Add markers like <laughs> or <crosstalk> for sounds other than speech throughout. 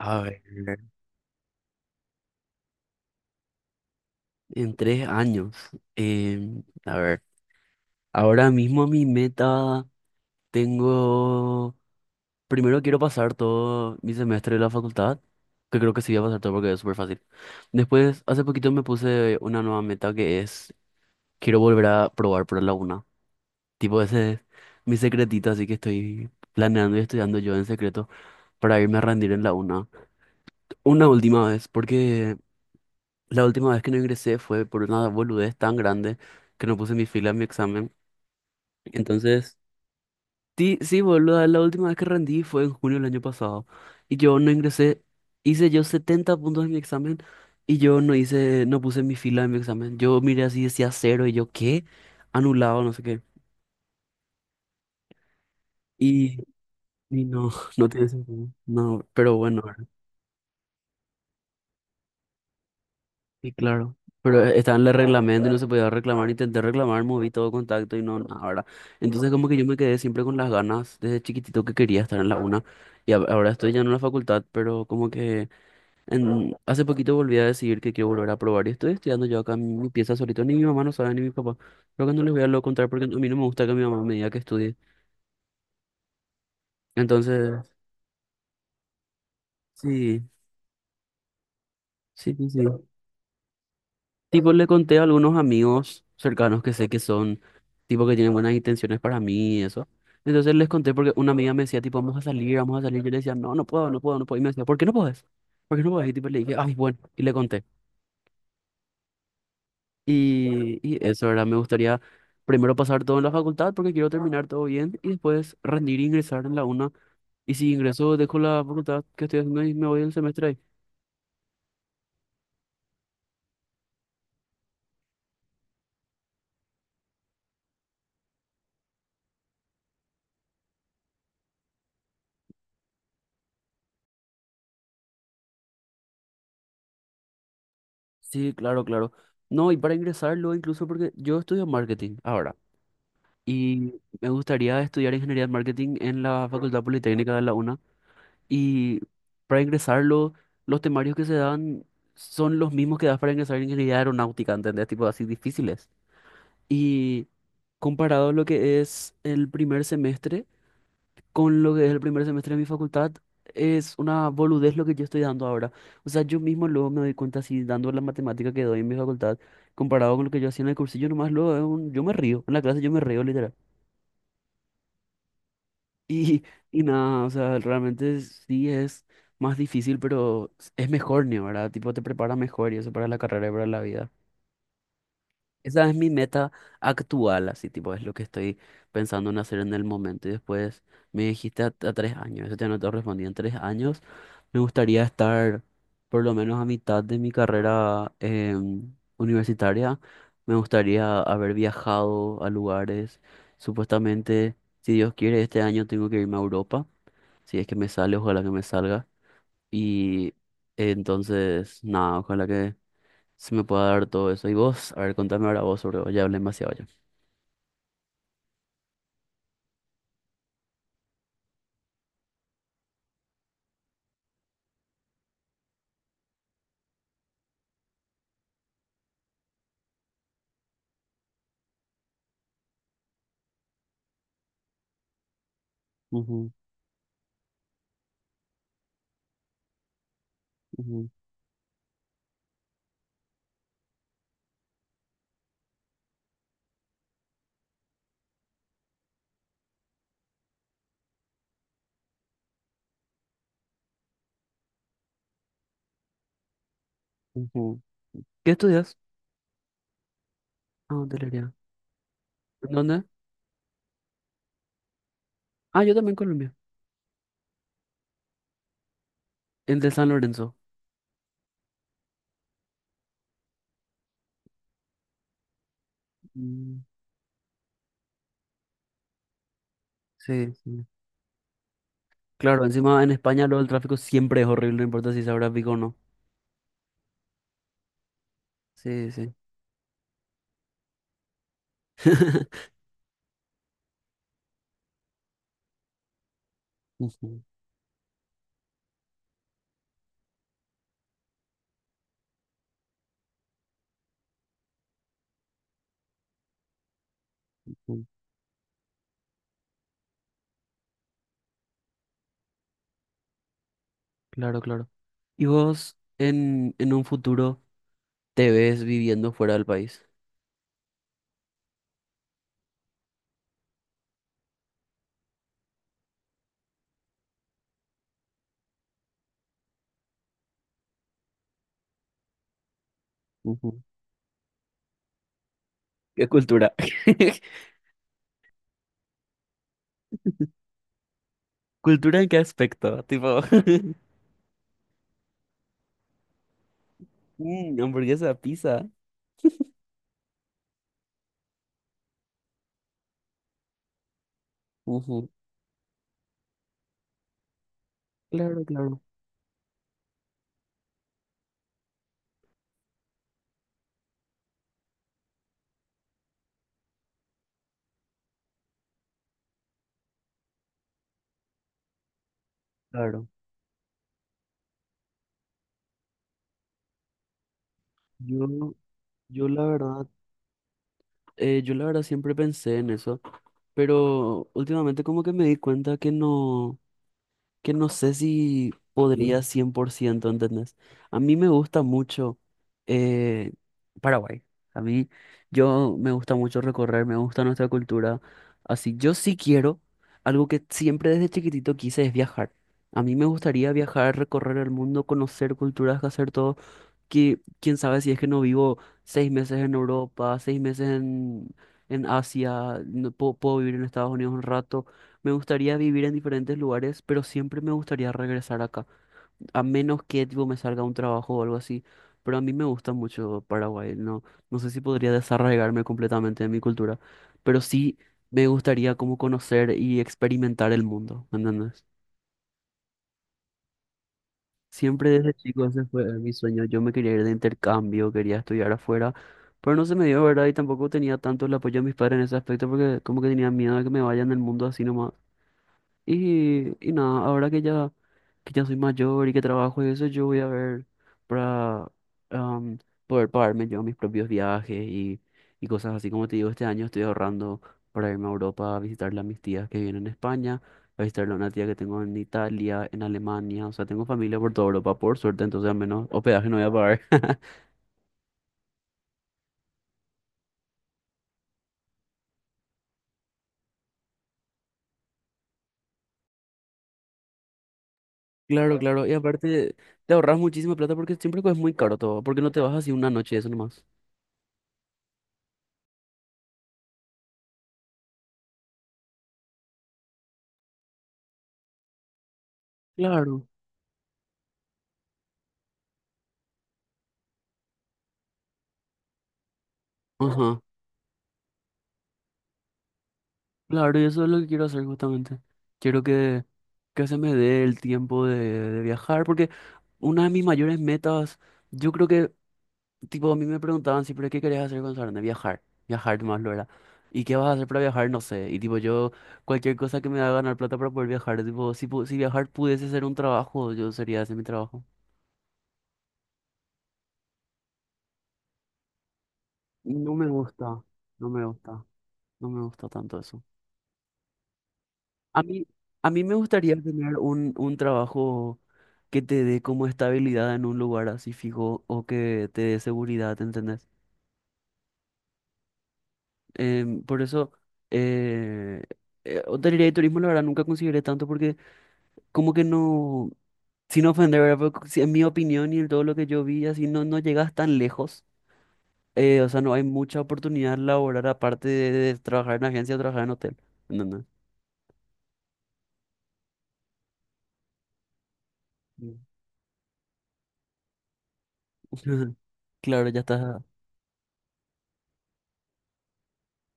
A ver, en 3 años. A ver, ahora mismo mi meta tengo. Primero quiero pasar todo mi semestre de la facultad, que creo que sí voy a pasar todo porque es súper fácil. Después, hace poquito me puse una nueva meta que es, quiero volver a probar por la una. Tipo, ese es mi secretito, así que estoy planeando y estudiando yo en secreto para irme a rendir en la una. Una última vez, porque La última vez que no ingresé fue por una boludez tan grande que no puse mi fila en mi examen. Entonces, sí, sí, boludo, la última vez que rendí fue en junio del año pasado. Y yo no ingresé, hice yo 70 puntos en mi examen y yo no hice, no puse mi fila en mi examen. Yo miré así, decía cero y yo, ¿qué? Anulado, no sé qué. Y, y no, <laughs> no tiene sentido. No, pero bueno. Y claro. Pero estaba en el reglamento y no se podía reclamar. Intenté reclamar, moví todo contacto y no, nada, ¿verdad? Entonces como que yo me quedé siempre con las ganas desde chiquitito que quería estar en la UNA. Y ahora estoy ya en la facultad, pero como que hace poquito volví a decidir que quiero volver a probar. Y estoy estudiando yo acá en mi pieza solito. Ni mi mamá no sabe, ni mi papá. Creo que no les voy a lo contar porque a mí no me gusta que mi mamá me diga que estudie. Entonces, sí, sí, sí, sí. Tipo, le conté a algunos amigos cercanos que sé que son, tipo que tienen buenas intenciones para mí y eso. Entonces les conté porque una amiga me decía, tipo, vamos a salir, vamos a salir. Yo le decía, no, no puedo, no puedo, no puedo. Y me decía, ¿por qué no puedes? ¿Por qué no puedes? Y tipo, le dije, ay, bueno, y le conté. Y eso, ¿verdad? Me gustaría primero pasar todo en la facultad porque quiero terminar todo bien y después rendir e ingresar en la una. Y si ingreso, dejo la facultad que estoy haciendo y me voy el semestre ahí. Sí, claro, claro. No, y para ingresarlo, incluso porque yo estudio marketing ahora y me gustaría estudiar ingeniería de marketing en la Facultad Politécnica de la UNA. Y para ingresarlo, los temarios que se dan son los mismos que das para ingresar en ingeniería aeronáutica, ¿entendés? Tipo así difíciles. Y comparado lo que es el primer semestre con lo que es el primer semestre de mi facultad, es una boludez lo que yo estoy dando ahora. O sea, yo mismo luego me doy cuenta así dando la matemática que doy en mi facultad, comparado con lo que yo hacía en el cursillo, nomás luego yo me río. En la clase yo me río literal. Y, y nada, o sea, realmente sí es más difícil, pero es mejor, ¿no? ¿Verdad? Tipo, te prepara mejor y eso para la carrera y para la vida. Esa es mi meta actual, así, tipo, es lo que estoy pensando en hacer en el momento. Y después me dijiste a 3 años, eso ya no te respondí, en 3 años me gustaría estar por lo menos a mitad de mi carrera universitaria. Me gustaría haber viajado a lugares, supuestamente, si Dios quiere, este año tengo que irme a Europa. Si es que me sale, ojalá que me salga. Y eh, entonces, nada, ojalá que se me pueda dar todo eso. Y vos, a ver, contame ahora vos sobre vos, ya hablé demasiado ya. Ujú, ujú, ujú. ¿Qué estudias? Ah, hotelería. ¿En dónde? Ah, yo también en Colombia. En de San Lorenzo. Mm, sí, sí. Claro, encima en España lo del tráfico siempre es horrible, no importa si es ahora pico o no. Sí, sí. <laughs> Ujú, ujú. Claro, claro. ¿Y vos en un futuro te ves viviendo fuera del país? Ujú. ¿Qué cultura? <laughs> ¿Cultura en qué aspecto? Tipo, <laughs> mm, hamburguesa, pizza. Ujú. Claro, claro, claro. Yo, yo la verdad, yo la verdad siempre pensé en eso, pero últimamente como que me di cuenta que no. Que no sé si podría 100%, ¿entendés? A mí me gusta mucho eh, Paraguay. A mí, yo me gusta mucho recorrer, me gusta nuestra cultura. Así, yo sí quiero, algo que siempre desde chiquitito quise es viajar. A mí me gustaría viajar, recorrer el mundo, conocer culturas, hacer todo que quién sabe si es que no vivo 6 meses en Europa, 6 meses en Asia, no puedo, puedo vivir en Estados Unidos un rato. Me gustaría vivir en diferentes lugares, pero siempre me gustaría regresar acá, a menos que tipo, me salga un trabajo o algo así. Pero a mí me gusta mucho Paraguay, no, no sé si podría desarraigarme completamente de mi cultura, pero sí me gustaría como conocer y experimentar el mundo, ¿me ¿entendés? Siempre desde chico ese fue mi sueño. Yo me quería ir de intercambio, quería estudiar afuera, pero no se me dio, ¿verdad? Y tampoco tenía tanto el apoyo de mis padres en ese aspecto porque como que tenía miedo de que me vayan del mundo así nomás. Y nada, ahora que ya soy mayor y que trabajo y eso, yo voy a ver para am, poder pagarme yo mis propios viajes y cosas así. Como te digo, este año estoy ahorrando para irme a Europa a visitarle a mis tías que viven en España, a visitarle a una tía que tengo en Italia, en Alemania. O sea, tengo familia por toda Europa, por suerte, entonces al menos hospedaje no voy a pagar. <laughs> Claro, claro, claro. Y aparte, te ahorras muchísima plata porque siempre es muy caro todo, porque no te vas así una noche, eso nomás. Claro. Ajá. Claro, y eso es lo que quiero hacer justamente. Quiero que se me dé el tiempo de viajar, porque una de mis mayores metas, yo creo que, tipo, a mí me preguntaban siempre, ¿qué querías hacer con de viajar, viajar más lo era. ¿Y qué vas a hacer para viajar? No sé. Y tipo, yo, cualquier cosa que me haga ganar plata para poder viajar, tipo, si, si viajar pudiese ser un trabajo, yo sería ese mi trabajo. No me gusta, no me gusta, no me gusta tanto eso. A mí, a mí me gustaría tener un trabajo que te dé como estabilidad en un lugar así fijo o que te dé seguridad, ¿entendés? Por eso, eh, hotelería y turismo, la verdad, nunca consideré tanto porque como que no, sin ofender, ¿verdad? Pero si en mi opinión y en todo lo que yo vi, así no, no llegas tan lejos. O sea, no hay mucha oportunidad laboral aparte de trabajar en agencia o trabajar en hotel. No, no. <laughs> Claro, ya está.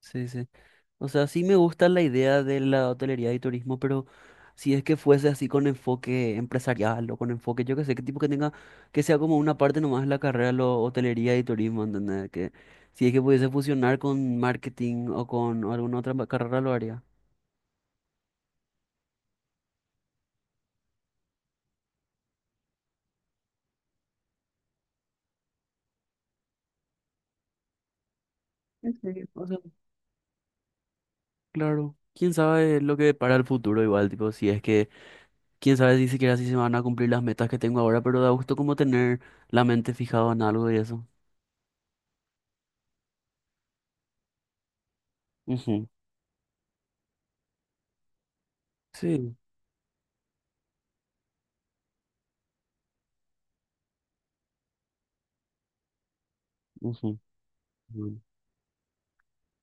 Sí, sí. O sea, sí me gusta la idea de la hotelería y turismo, pero si es que fuese así con enfoque empresarial o con enfoque, yo qué sé, qué tipo que tenga, que sea como una parte nomás de la carrera, lo hotelería y turismo, ¿entendés? Que si es que pudiese fusionar con marketing o con alguna otra carrera, lo haría. Sí, o sea, claro. Quién sabe lo que para el futuro igual, tipo, si es que, quién sabe si siquiera si se van a cumplir las metas que tengo ahora, pero da gusto como tener la mente fijada en algo y eso. Ujú. Sí. Ujú.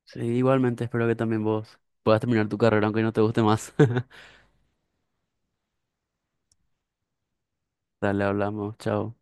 Sí, igualmente espero que también vos puedas terminar tu carrera aunque no te guste más. <laughs> Dale, hablamos, chao.